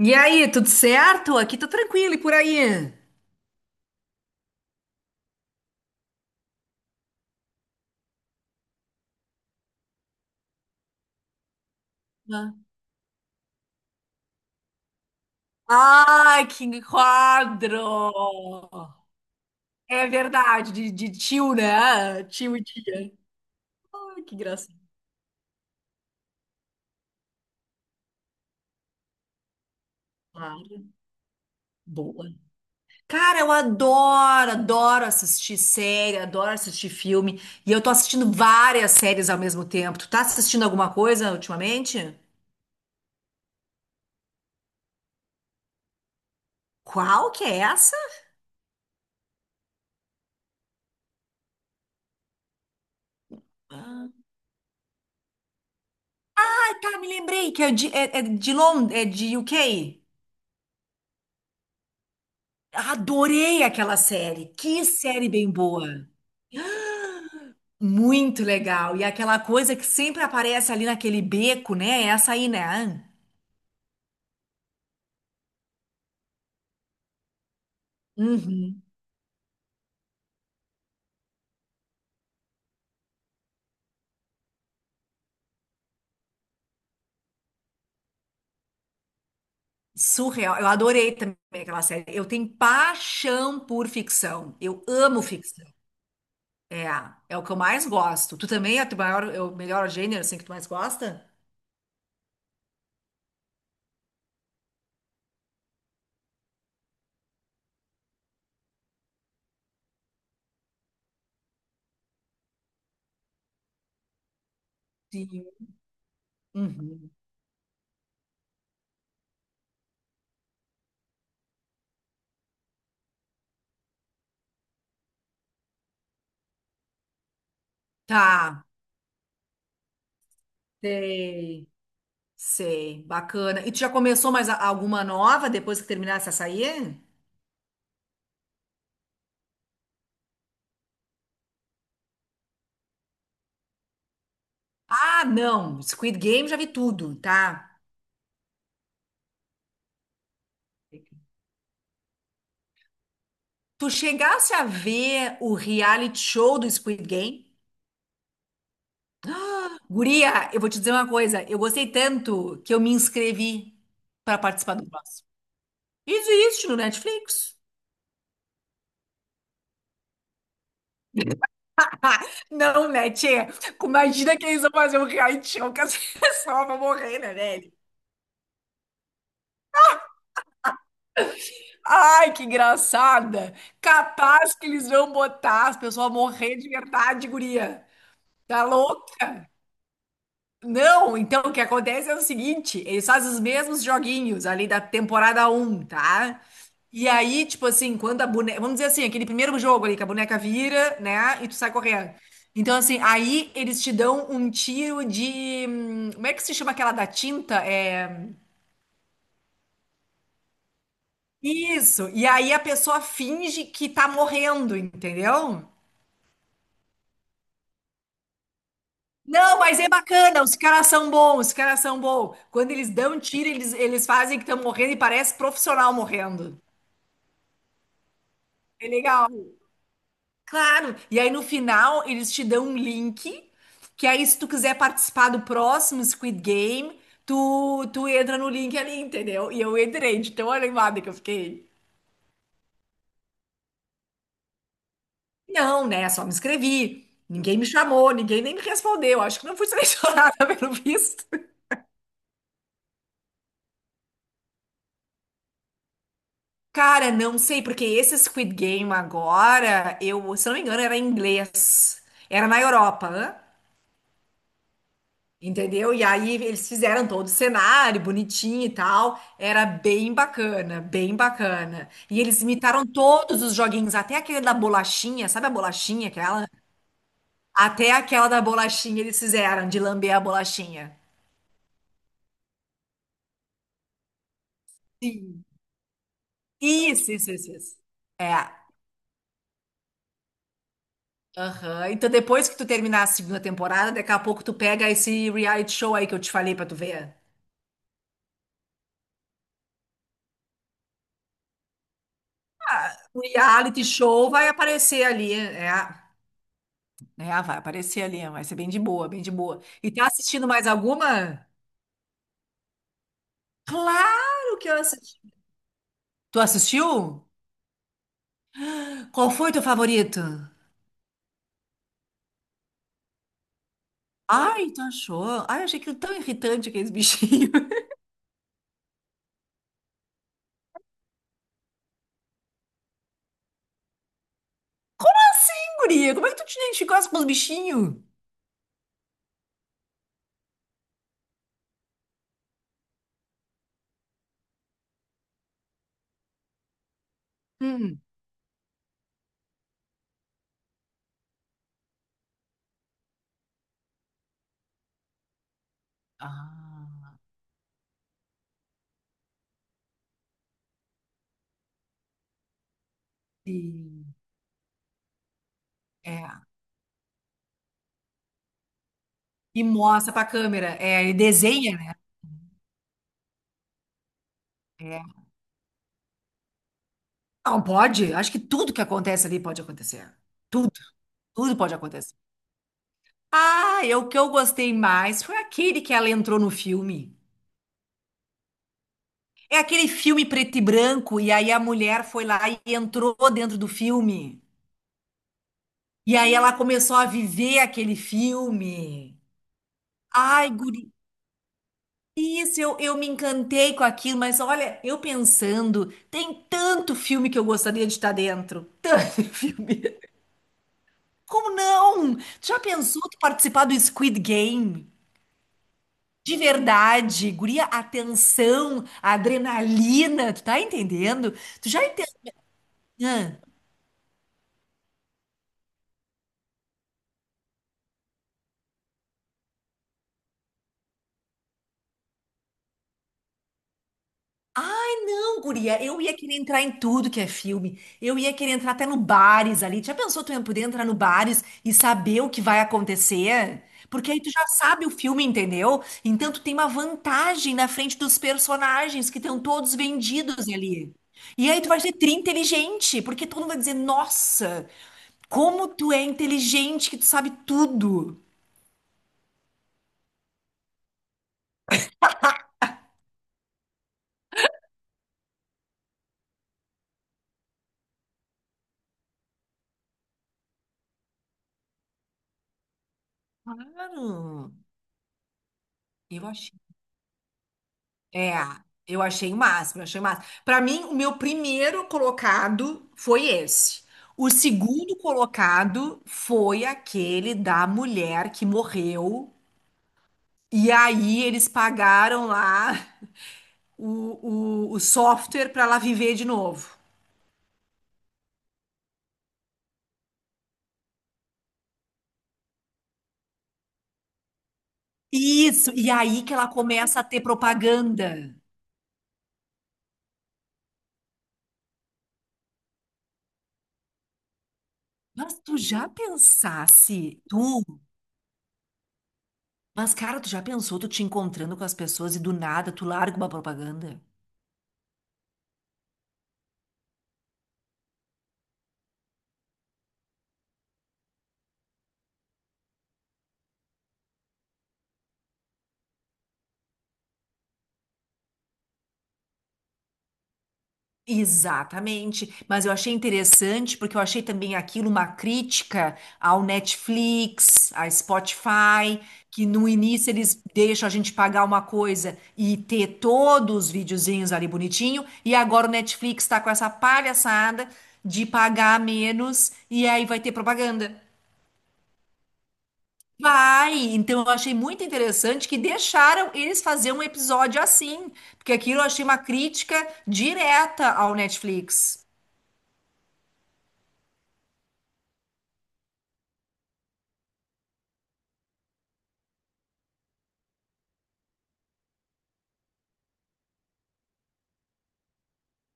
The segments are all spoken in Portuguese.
E aí, tudo certo? Aqui tô tranquilo e por aí? Ah. Ai, que quadro! É verdade, de tio, né? Tio e tia. Ai, que engraçado. Claro. Boa. Cara, eu adoro assistir série, adoro assistir filme. E eu tô assistindo várias séries ao mesmo tempo. Tu tá assistindo alguma coisa ultimamente? Qual que é essa? Ah, tá, me lembrei que é de Londres, é de UK. Adorei aquela série. Que série bem boa. Muito legal. E aquela coisa que sempre aparece ali naquele beco, né? É essa aí, né? Uhum. Surreal. Eu adorei também aquela série. Eu tenho paixão por ficção. Eu amo ficção. É, é o que eu mais gosto. Tu também é o teu maior, é o melhor gênero assim que tu mais gosta? Sim. Uhum. Tá. Sei. Sei. Bacana. E tu já começou mais alguma nova depois que terminasse essa aí? Ah, não. Squid Game já vi tudo, tá? Tu chegasse a ver o reality show do Squid Game? Guria, eu vou te dizer uma coisa. Eu gostei tanto que eu me inscrevi para participar do próximo. Isso existe no Netflix. Não, né, tchê? Imagina que eles vão fazer um reality show que as pessoas vão morrer, né, velho? Ai, que engraçada! Capaz que eles vão botar as pessoas a morrer de verdade, guria. Tá louca? Não, então o que acontece é o seguinte, eles fazem os mesmos joguinhos ali da temporada um, tá? E aí, tipo assim, quando a boneca, vamos dizer assim, aquele primeiro jogo ali que a boneca vira, né, e tu sai correndo. Então assim, aí eles te dão um tiro de, como é que se chama aquela da tinta? É isso. E aí a pessoa finge que tá morrendo, entendeu? Não, mas é bacana, os caras são bons, os caras são bons. Quando eles dão tiro, eles fazem que estão morrendo e parece profissional morrendo. É legal. Claro. E aí no final eles te dão um link, que aí se tu quiser participar do próximo Squid Game, tu entra no link ali, entendeu? E eu entrei de tão animada que eu fiquei. Não, né? Só me inscrevi. Ninguém me chamou, ninguém nem me respondeu. Acho que não fui selecionada pelo visto. Cara, não sei, porque esse Squid Game agora, eu, se não me engano, era em inglês. Era na Europa, hã? Entendeu? E aí eles fizeram todo o cenário bonitinho e tal. Era bem bacana, bem bacana. E eles imitaram todos os joguinhos, até aquele da bolachinha, sabe a bolachinha aquela? Até aquela da bolachinha eles fizeram, de lamber a bolachinha. Sim. Isso, isso, isso, isso. É. Aham. Então depois que tu terminar a segunda temporada, daqui a pouco tu pega esse reality show aí que eu te falei pra tu ver. O reality show vai aparecer ali, é, né? Ah, vai aparecer ali, vai ser bem de boa, bem de boa. E tá assistindo mais alguma? Claro que eu assisti. Tu assistiu? Qual foi teu favorito? Ai, tu achou? Ai, eu achei aquilo tão irritante aqueles bichinhos. Assim, guria, como é que tu te identificasse com os bichinhos? Hum. Ah, sim. É. E mostra pra câmera. É, e desenha, né? É. Não, pode. Acho que tudo que acontece ali pode acontecer. Tudo. Tudo pode acontecer. Ah, o que eu gostei mais foi aquele que ela entrou no filme. É aquele filme preto e branco, e aí a mulher foi lá e entrou dentro do filme. E aí ela começou a viver aquele filme. Ai, guri, isso, eu me encantei com aquilo, mas olha, eu pensando, tem tanto filme que eu gostaria de estar dentro. Tanto filme. Como não? Tu já pensou tu participar do Squid Game? De verdade, guria, a tensão, a adrenalina, tu tá entendendo? Tu já entendeu? Não, guria, eu ia querer entrar em tudo que é filme. Eu ia querer entrar até no bares ali. Já pensou tu ia poder entrar no bares e saber o que vai acontecer? Porque aí tu já sabe o filme, entendeu? Então tu tem uma vantagem na frente dos personagens que estão todos vendidos ali. E aí tu vai ser tri inteligente, porque todo mundo vai dizer, nossa, como tu é inteligente, que tu sabe tudo. Claro. Eu achei. É, eu achei o máximo, eu achei o máximo. Para mim, o meu primeiro colocado foi esse. O segundo colocado foi aquele da mulher que morreu. E aí eles pagaram lá o software para ela viver de novo. Isso, e aí que ela começa a ter propaganda. Mas tu já pensasse, tu? Mas, cara, tu já pensou tu te encontrando com as pessoas e do nada tu larga uma propaganda? Exatamente. Mas eu achei interessante porque eu achei também aquilo uma crítica ao Netflix, à Spotify, que no início eles deixam a gente pagar uma coisa e ter todos os videozinhos ali bonitinho, e agora o Netflix está com essa palhaçada de pagar menos e aí vai ter propaganda. Vai! Então eu achei muito interessante que deixaram eles fazer um episódio assim, porque aquilo eu achei uma crítica direta ao Netflix.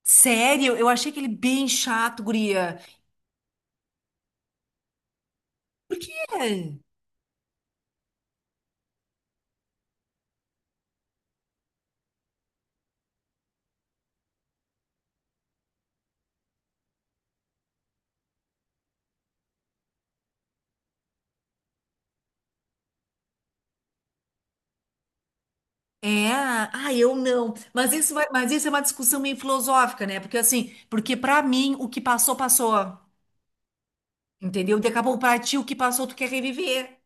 Sério, eu achei aquele bem chato, guria. Por quê? É, ah, eu não. Mas isso vai, mas isso é uma discussão meio filosófica, né? Porque assim, porque pra mim o que passou, passou. Entendeu? Daqui a pouco pra ti o que passou, tu quer reviver.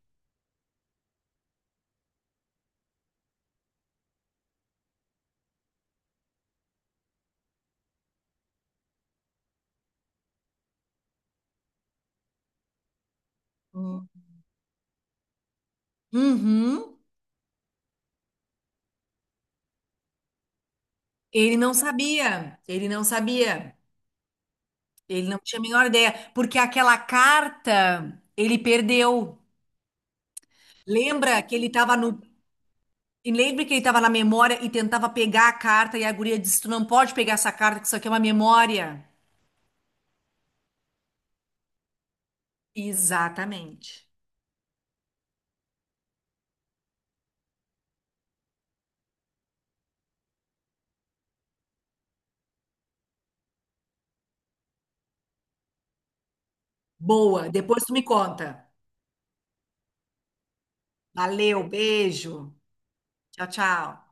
Hum. Uhum. Ele não sabia. Ele não sabia. Ele não tinha a menor ideia, porque aquela carta ele perdeu. Lembra que ele estava no. Lembra que ele estava na memória e tentava pegar a carta e a guria disse: Tu não pode pegar essa carta, que isso aqui é uma memória. Exatamente. Boa, depois tu me conta. Valeu, beijo. Tchau, tchau.